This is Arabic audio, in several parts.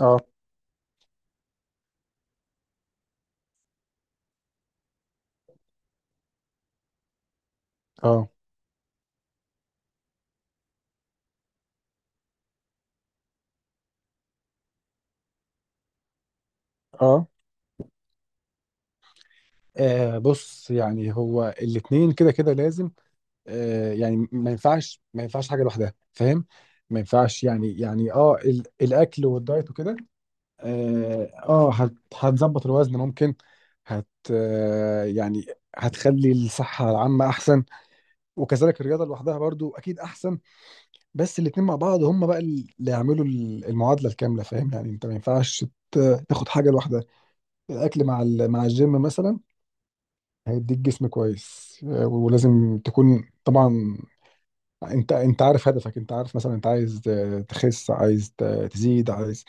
اه اه اه آه، بص يعني هو الاتنين كده كده لازم. يعني ما ينفعش، ما ينفعش حاجه لوحدها، فاهم؟ ما ينفعش يعني، الاكل والدايت وكده. اه، هتظبط الوزن ممكن. هت آه يعني هتخلي الصحه العامه احسن، وكذلك الرياضه لوحدها برضو اكيد احسن. بس الاتنين مع بعض هم بقى اللي يعملوا المعادله الكامله، فاهم؟ يعني انت ما ينفعش تاخد حاجه لوحدها. الاكل مع مع الجيم مثلا هيديك جسم كويس. ولازم تكون طبعا، انت عارف هدفك، انت عارف مثلا انت عايز تخس، عايز تزيد، عايز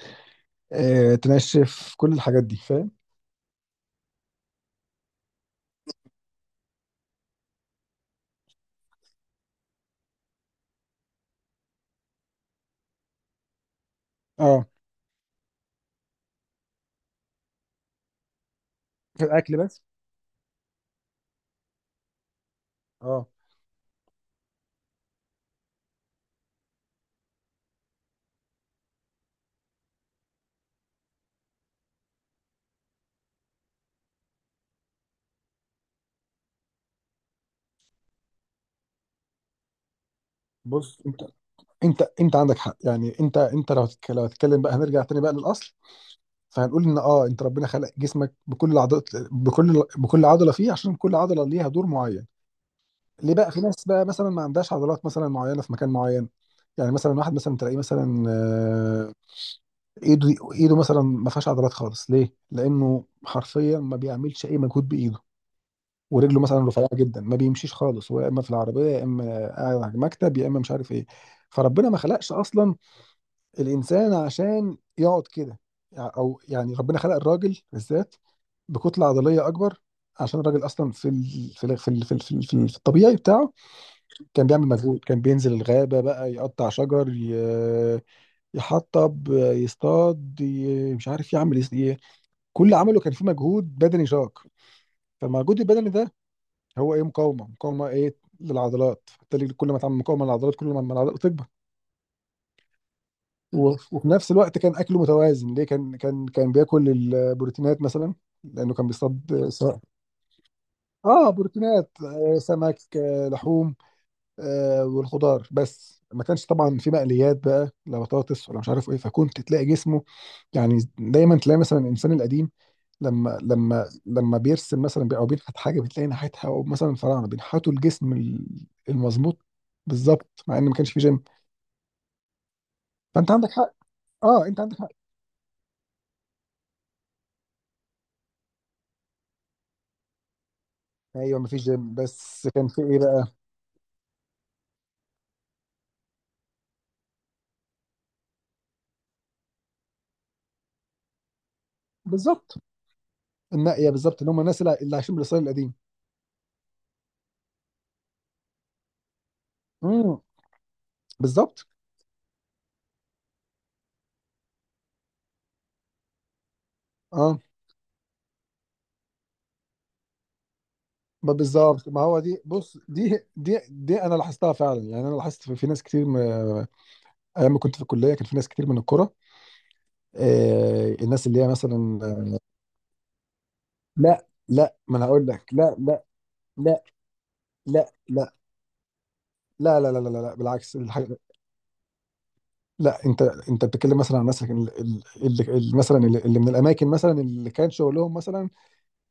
تنشف، كل الحاجات دي، فاهم؟ اه، في الاكل بس. اه. بص، انت عندك حق. يعني انت، لو هتتكلم بقى، هنرجع تاني بقى للاصل، فهنقول ان، انت ربنا خلق جسمك بكل العضلات، بكل عضله فيه، عشان كل عضله ليها دور معين. ليه بقى في ناس بقى مثلا ما عندهاش عضلات مثلا معينه في مكان معين؟ يعني مثلا واحد مثلا تلاقيه مثلا، ايده مثلا ما فيهاش عضلات خالص. ليه؟ لانه حرفيا ما بيعملش اي مجهود بايده، ورجله مثلا رفيعه جدا، ما بيمشيش خالص. هو يا اما في العربيه، يا اما قاعد على المكتب، يا اما مش عارف ايه. فربنا ما خلقش اصلا الانسان عشان يقعد كده. يع- او يعني ربنا خلق الراجل بالذات بكتله عضليه اكبر، عشان الراجل اصلا في الطبيعي بتاعه كان بيعمل مجهود. كان بينزل الغابه بقى يقطع شجر، يحطب، يصطاد، مش عارف يعمل ايه. كل اللي عمله كان فيه مجهود بدني شاق. فالمجهود البدني ده هو ايه؟ مقاومه، مقاومه ايه؟ للعضلات. فبالتالي كل ما تعمل مقاومه للعضلات، كل ما العضلات تكبر. و- وفي نفس الوقت كان اكله متوازن. ليه؟ كان بياكل البروتينات مثلا، لانه كان بيصطاد. سواء اه، بروتينات، سمك، لحوم، والخضار. بس ما كانش طبعا في مقليات بقى، لا بطاطس ولا مش عارف ايه، فكنت تلاقي جسمه. يعني دايما تلاقي مثلا الانسان القديم، لما بيرسم مثلا بي- او بينحت حاجه، بتلاقي ناحيتها، او مثلا الفراعنه بينحتوا الجسم المظبوط بالظبط، مع ان ما كانش في جيم. فانت عندك حق، اه انت عندك حق. ايوه، ما فيش جيم، بس كان في ايه بقى؟ بالظبط، النقيه بالظبط، ان هم الناس اللي عايشين بالاصيل القديم. امم، بالظبط. اه، ما بالظبط، ما هو دي، بص دي، دي انا لاحظتها فعلا. يعني انا لاحظت في ناس كتير، ايام ما كنت في الكليه كان في ناس كتير من الكوره، الناس اللي هي مثلا. لا، لا، ما انا هقول لك، لا، لا، لا، لا، لا، لا، لا، لا، لا، لا، لا، بالعكس الحاجه. لا، انت بتتكلم مثلا عن الناس، اللي مثلا، اللي من الاماكن مثلا، اللي كان شغلهم مثلا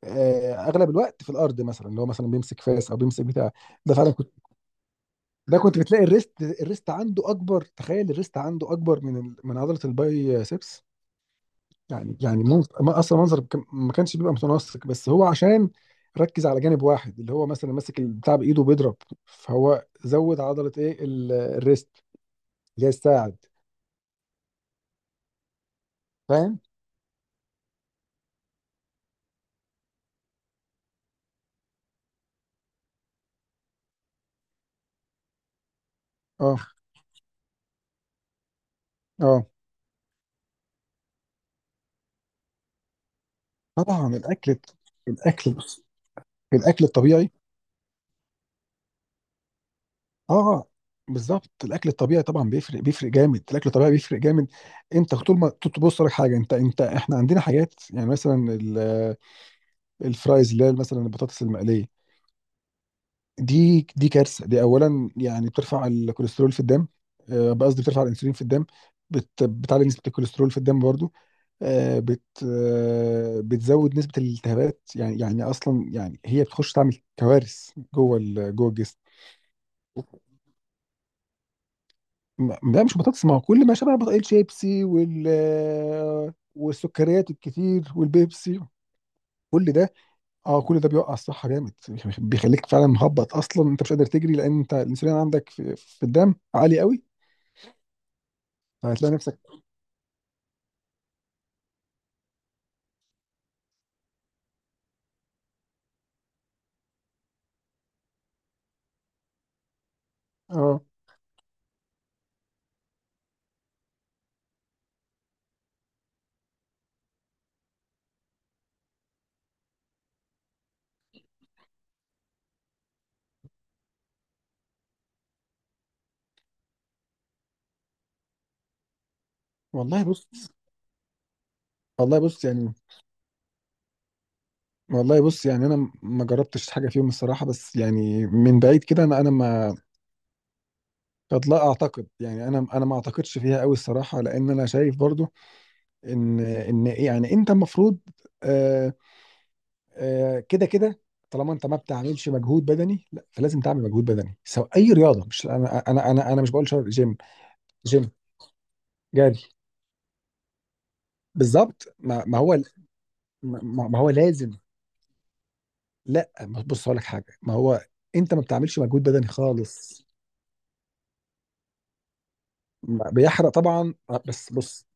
اغلب الوقت في الارض، مثلا اللي هو مثلا بيمسك فاس او بيمسك بتاع. ده فعلا، ده كنت بتلاقي الريست عنده اكبر، تخيل الريست عنده اكبر من عضله الباي سيبس. يعني منظر... ما- اصلا منظر كم- ما كانش بيبقى متناسق، بس هو عشان ركز على جانب واحد، اللي هو مثلا ماسك البتاع بايده بيضرب. فهو زود عضله ايه؟ الريست، اللي هي الساعد، فاهم؟ اه. اه، طبعا الاكل، الاكل، الطبيعي. اه، بالظبط، الاكل الطبيعي طبعا بيفرق جامد، الاكل الطبيعي بيفرق جامد. انت طول ما تبص لك حاجه، انت انت احنا عندنا حاجات يعني مثلا الفرايز، اللي هي مثلا البطاطس المقليه. دي كارثه، دي اولا يعني بترفع الكوليسترول في الدم. قصدي بترفع الانسولين في الدم، بتعلي نسبه الكوليسترول في الدم برضو. آه، بت آه، بتزود نسبه الالتهابات، يعني اصلا يعني هي بتخش تعمل كوارث جوه الجسم. لا مش بطاطس، ما هو كل ما شبه الشيبسي والسكريات الكتير والبيبسي. كل ده، اه كل ده بيوقع الصحه جامد، بيخليك فعلا مهبط، اصلا انت مش قادر تجري، لان انت الانسولين عندك في الدم عالي قوي، فهتلاقي نفسك. اه. والله بص والله بص يعني والله بص، يعني انا ما جربتش حاجه فيهم الصراحه، بس يعني من بعيد كده، انا ما قد لا اعتقد، يعني انا ما اعتقدش فيها قوي الصراحه، لان انا شايف برضو ان إيه، يعني انت المفروض آه، كده كده، طالما انت ما بتعملش مجهود بدني لا، فلازم تعمل مجهود بدني، سواء اي رياضه، مش، انا مش بقول جيم، جيم، جري. بالظبط، ما هو، ما هو لازم. لا، بص هقول لك حاجه، ما هو انت ما بتعملش مجهود بدني خالص. بيحرق طبعا، بس بص.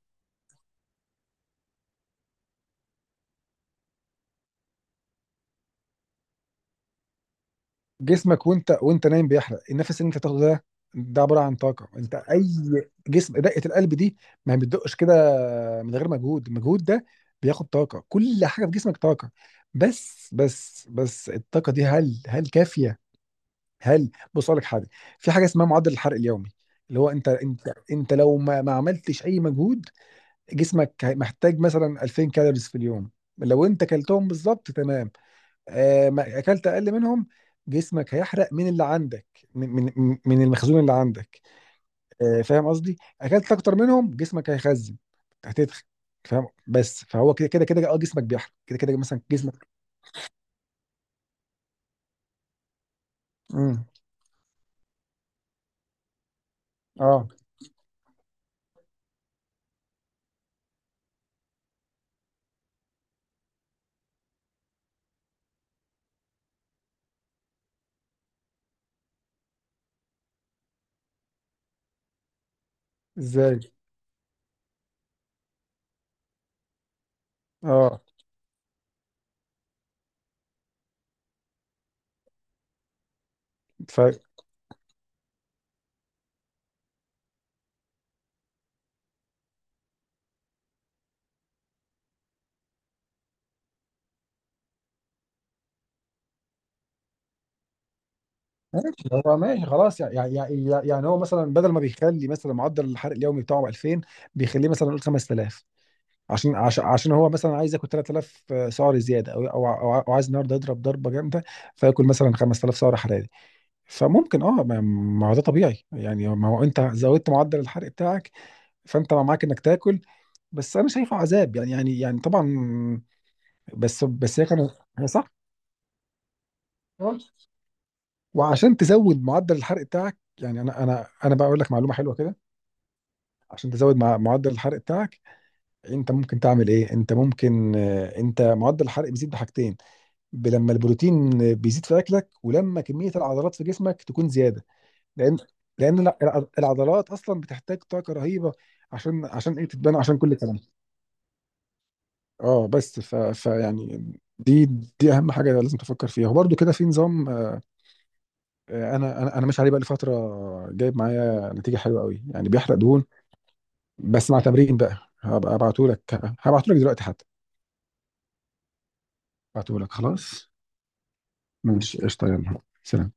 جسمك وانت نايم بيحرق، النفس اللي انت تاخده ده، ده عباره عن طاقه. انت اي، جسم، دقه القلب دي ما بتدقش كده من غير مجهود. المجهود ده بياخد طاقه، كل حاجه في جسمك طاقه. بس الطاقه دي، هل كافيه؟ هل، بص اقول لك حاجه، في حاجه اسمها معدل الحرق اليومي، اللي هو انت. انت لو ما عملتش اي مجهود، جسمك محتاج مثلا 2000 كالوريز في اليوم. لو انت كلتهم بالظبط تمام. ما اكلت اقل منهم، جسمك هيحرق من اللي عندك، من المخزون اللي عندك. فاهم قصدي؟ اكلت اكتر منهم جسمك هيخزن، هتدخل. فاهم؟ بس فهو كده، اه جسمك بيحرق كده كده مثلا جسمك. امم. اه، ازاي؟ اه، ف، هو ماشي خلاص يعني، هو مثلا بدل ما بيخلي مثلا معدل الحرق اليومي بتاعه 2000، بيخليه مثلا نقول 5000. عشان هو مثلا عايز ياكل 3000 سعر زياده، او او او أو عايز النهارده يضرب ضربه جامده، فياكل مثلا 5000 سعر حراري. فممكن، اه ما هو ده طبيعي يعني، ما هو انت زودت معدل الحرق بتاعك، فانت معاك انك تاكل. بس انا شايفه عذاب، يعني، طبعا. بس هي كانت، هي صح. آه. وعشان تزود معدل الحرق بتاعك، يعني انا بقى اقول لك معلومه حلوه كده. عشان تزود معدل الحرق بتاعك، انت ممكن تعمل ايه؟ انت ممكن، انت معدل الحرق بيزيد بحاجتين: لما البروتين بيزيد في اكلك، ولما كميه العضلات في جسمك تكون زياده، لان لان العضلات اصلا بتحتاج طاقه رهيبه، عشان ايه؟ تتبنى، عشان كل الكلام ده. اه، بس ف... فيعني، دي دي اهم حاجه لازم تفكر فيها، وبرده كده في نظام، انا ماشي عليه بقى لي فتره، جايب معايا نتيجه حلوه قوي يعني، بيحرق دهون بس مع تمرين بقى. هبقى ابعته لك، هبعته لك دلوقتي حتى، ابعته لك خلاص. ماشي، قشطه، يلا سلام.